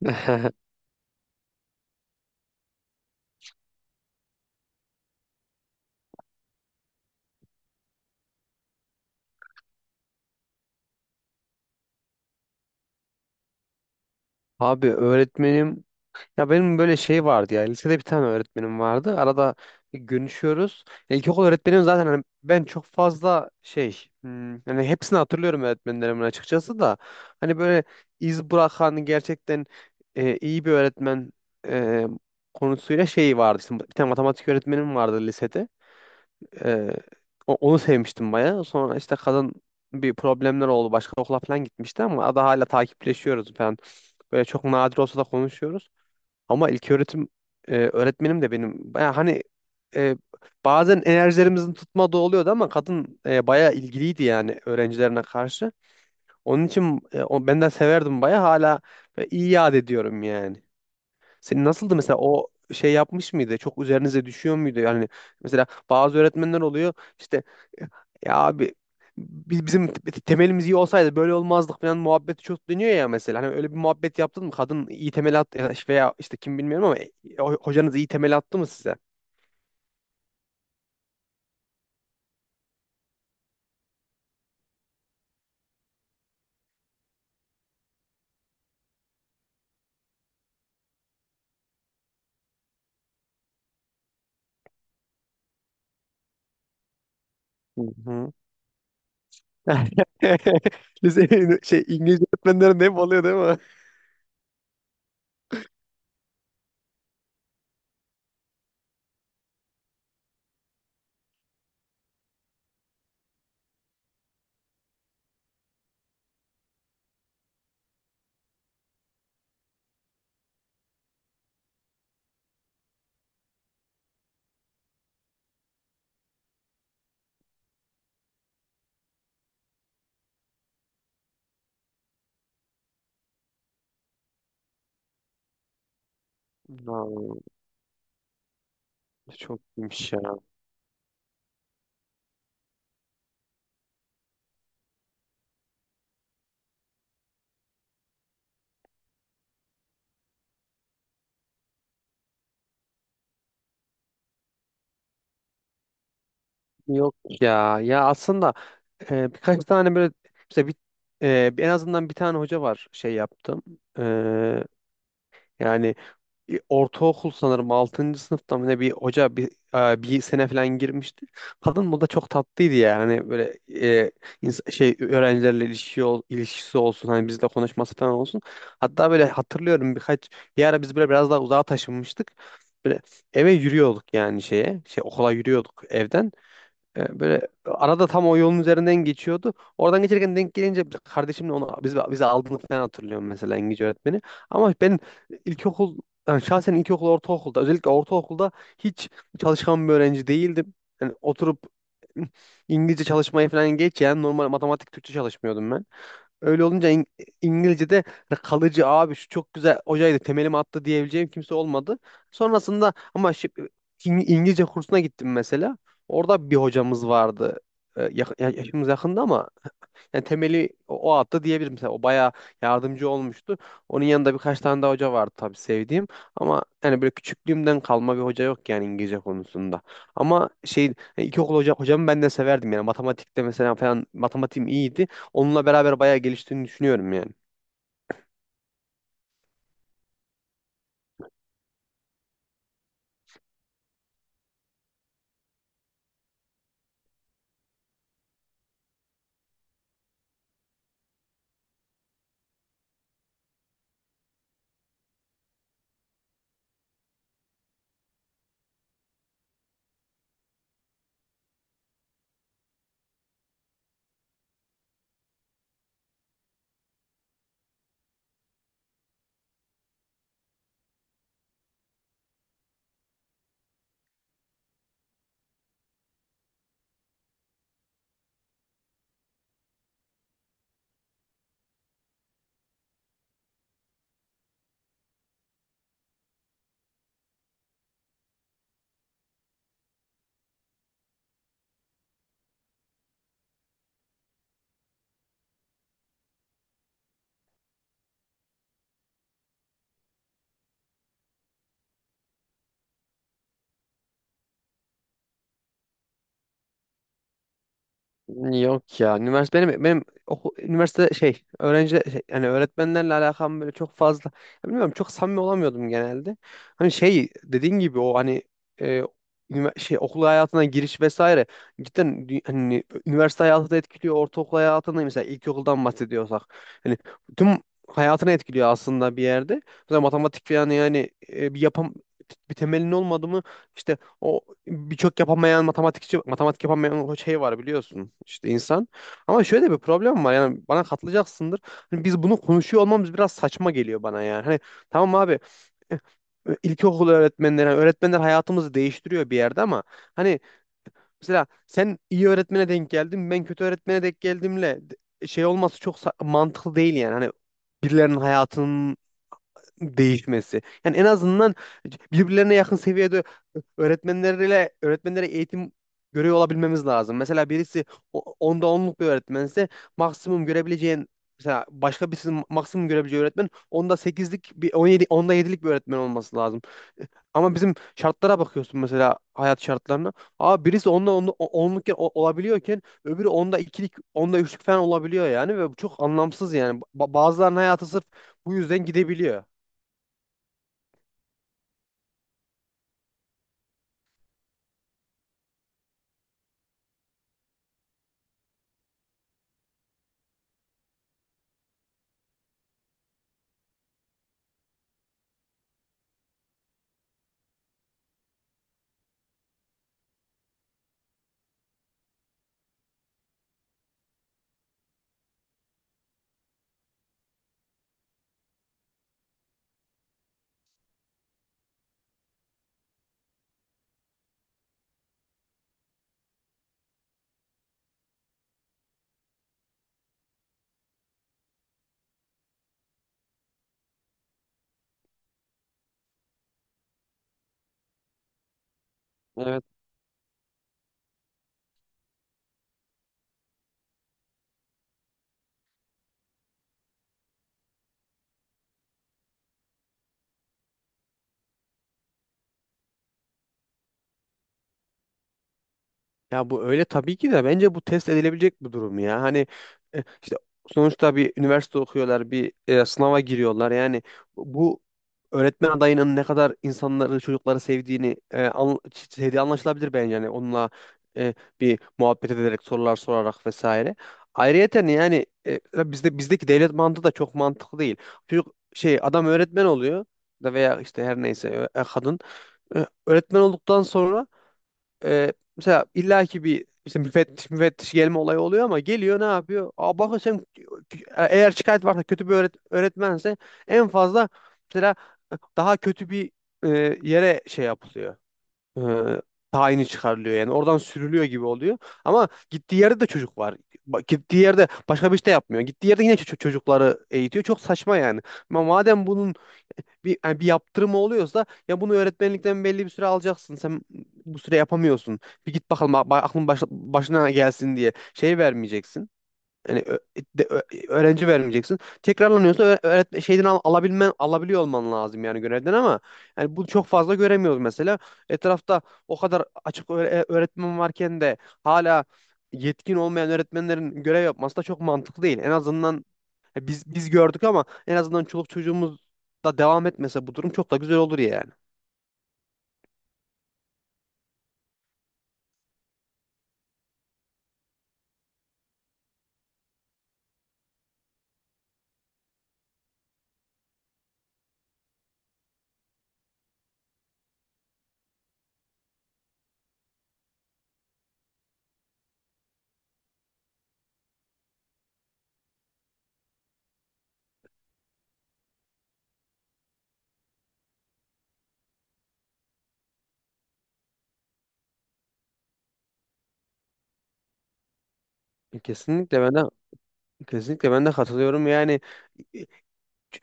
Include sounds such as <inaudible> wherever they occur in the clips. <laughs> Abi öğretmenim ya benim böyle şey vardı ya lisede bir tane öğretmenim vardı arada görüşüyoruz. Ya İlkokul öğretmenim zaten hani ben çok fazla yani hepsini hatırlıyorum öğretmenlerimin açıkçası da hani böyle iz bırakan gerçekten iyi bir öğretmen e, konusuyla şey vardı. İşte bir tane matematik öğretmenim vardı lisede. Ee, Onu sevmiştim bayağı. Sonra işte kadın bir problemler oldu. Başka okula falan gitmişti ama da hala takipleşiyoruz falan. Böyle çok nadir olsa da konuşuyoruz. Ama ilköğretim öğretmenim de benim bayağı hani e, bazen enerjilerimizin tutmadığı oluyordu ama kadın bayağı ilgiliydi yani öğrencilerine karşı. Onun için ben de severdim bayağı hala böyle iyi yad ediyorum yani. Senin nasıldı mesela o şey yapmış mıydı? Çok üzerinize düşüyor muydu? Yani mesela bazı öğretmenler oluyor işte ya abi temelimiz iyi olsaydı böyle olmazdık falan muhabbeti çok dönüyor ya mesela. Hani öyle bir muhabbet yaptın mı? Kadın iyi temel attı ya da işte- veya işte kim bilmiyorum ama hocanız iyi temel attı mı size? Hı hı. <laughs> Lise şey İngilizce öğretmenlerin hep oluyor değil mi? Vallahi çok iyiymiş ya. Yok ya. Ya aslında birkaç tane böyle işte bir, en azından bir tane hoca var şey yaptım. E, Yani ortaokul sanırım altıncı sınıfta mı ne bir hoca bir sene falan girmişti. Kadın bu da çok tatlıydı ya. Hani böyle şey ilişkisi olsun hani bizle konuşması falan olsun. Hatta böyle hatırlıyorum bir ara biz böyle biraz daha uzağa taşınmıştık. Böyle eve yürüyorduk yani şeye. Şey okula yürüyorduk evden. Böyle arada tam o yolun üzerinden geçiyordu. Oradan geçerken denk gelince kardeşimle onu biz bize aldığını falan hatırlıyorum mesela İngilizce öğretmeni. Ama ben ilkokul yani şahsen ortaokulda özellikle ortaokulda hiç çalışkan bir öğrenci değildim. Yani oturup İngilizce çalışmayı falan geç yani normal matematik Türkçe çalışmıyordum ben. Öyle olunca İngilizce'de hani kalıcı abi şu çok güzel hocaydı temelimi attı diyebileceğim kimse olmadı. Sonrasında ama İngilizce kursuna gittim mesela. Orada bir hocamız vardı. Yaşımız yakında ama yani temeli o attı diyebilirim. Mesela o bayağı yardımcı olmuştu. Onun yanında birkaç tane daha hoca vardı tabii sevdiğim. Ama yani böyle küçüklüğümden kalma bir hoca yok yani İngilizce konusunda. Ama şey yani ilkokul hocamı ben de severdim yani. Matematikte mesela falan matematiğim iyiydi. Onunla beraber bayağı geliştiğini düşünüyorum yani. Yok ya. Üniversite benim üniversite şey yani öğretmenlerle alakam böyle çok fazla ya bilmiyorum çok samimi olamıyordum genelde. Hani şey dediğin gibi o hani e, şey okul hayatına giriş vesaire cidden hani üniversite hayatı da etkiliyor ortaokul hayatını mesela ilkokuldan bahsediyorsak hani tüm hayatını etkiliyor aslında bir yerde. Mesela matematik falan yani bir temelin olmadı mı işte o birçok yapamayan matematikçi matematik yapamayan o şey var biliyorsun işte insan. Ama şöyle bir problem var yani bana katılacaksındır. Hani biz bunu konuşuyor olmamız biraz saçma geliyor bana yani. Hani tamam abi eh, ilkokul öğretmenleri yani öğretmenler hayatımızı değiştiriyor bir yerde ama hani mesela sen iyi öğretmene denk geldin ben kötü öğretmene denk şey olması çok mantıklı değil yani. Hani birilerinin hayatının değişmesi. Yani en azından birbirlerine yakın seviyede öğretmenlere eğitim görüyor olabilmemiz lazım. Mesela birisi onda onluk bir öğretmense maksimum görebileceğin mesela başka birisi maksimum görebileceği öğretmen onda sekizlik bir 17 onda yedilik bir öğretmen olması lazım. Ama bizim şartlara bakıyorsun mesela hayat şartlarına. Aa birisi onda onlukken olabiliyorken öbürü onda ikilik, onda üçlük falan olabiliyor yani ve bu çok anlamsız yani. Bazılarının hayatı sırf bu yüzden gidebiliyor. Evet. Ya bu öyle tabii ki de bence bu test edilebilecek bir durum ya. Hani işte sonuçta bir üniversite okuyorlar, bir sınava giriyorlar. Yani bu öğretmen adayının ne kadar insanları, çocukları sevdiği anlaşılabilir bence. Yani onunla e, bir muhabbet ederek, sorular sorarak vesaire. Ayrıyeten yani bizdeki devlet mantığı da çok mantıklı değil. Çocuk şey adam öğretmen oluyor da veya işte her neyse kadın öğretmen olduktan sonra mesela illaki bir işte müfettiş gelme olayı oluyor ama geliyor ne yapıyor? Aa, bakın sen eğer şikayet varsa kötü bir öğretmense en fazla mesela daha kötü bir yere şey yapılıyor. E, Tayini çıkarılıyor yani oradan sürülüyor gibi oluyor. Ama gittiği yerde de çocuk var. Gittiği yerde başka bir şey de yapmıyor. Gittiği yerde yine çocukları eğitiyor. Çok saçma yani. Ama madem bunun bir yaptırımı oluyorsa ya bunu öğretmenlikten belli bir süre alacaksın. Sen bu süre yapamıyorsun. Bir git bakalım aklın başına gelsin diye şey vermeyeceksin. Yani de- ö- öğrenci vermeyeceksin. Tekrarlanıyorsa öğretmen şeyden al- alabilmen alabiliyor olman lazım yani görevden ama yani bu çok fazla göremiyoruz mesela. Etrafta o kadar açık öğretmen varken de hala yetkin olmayan öğretmenlerin görev yapması da çok mantıklı değil. En azından ya biz gördük ama en azından çoluk çocuğumuz da devam etmese bu durum çok da güzel olur yani. Kesinlikle ben de ben de katılıyorum. Yani e,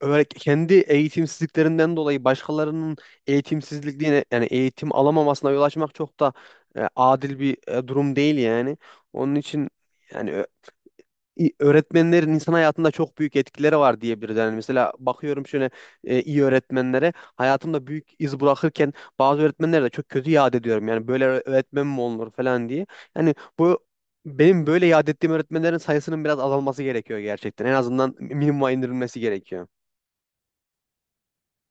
öyle kendi eğitimsizliklerinden dolayı başkalarının eğitimsizliğine yani eğitim alamamasına yol açmak çok da adil bir durum değil yani. Onun için yani öğretmenlerin insan hayatında çok büyük etkileri var diyebiliriz. Yani mesela bakıyorum şöyle iyi öğretmenlere hayatımda büyük iz bırakırken bazı öğretmenlere de çok kötü yad ediyorum. Yani böyle öğretmen mi olur falan diye. Yani bu benim böyle yad ettiğim öğretmenlerin sayısının biraz azalması gerekiyor gerçekten. En azından minimuma indirilmesi gerekiyor.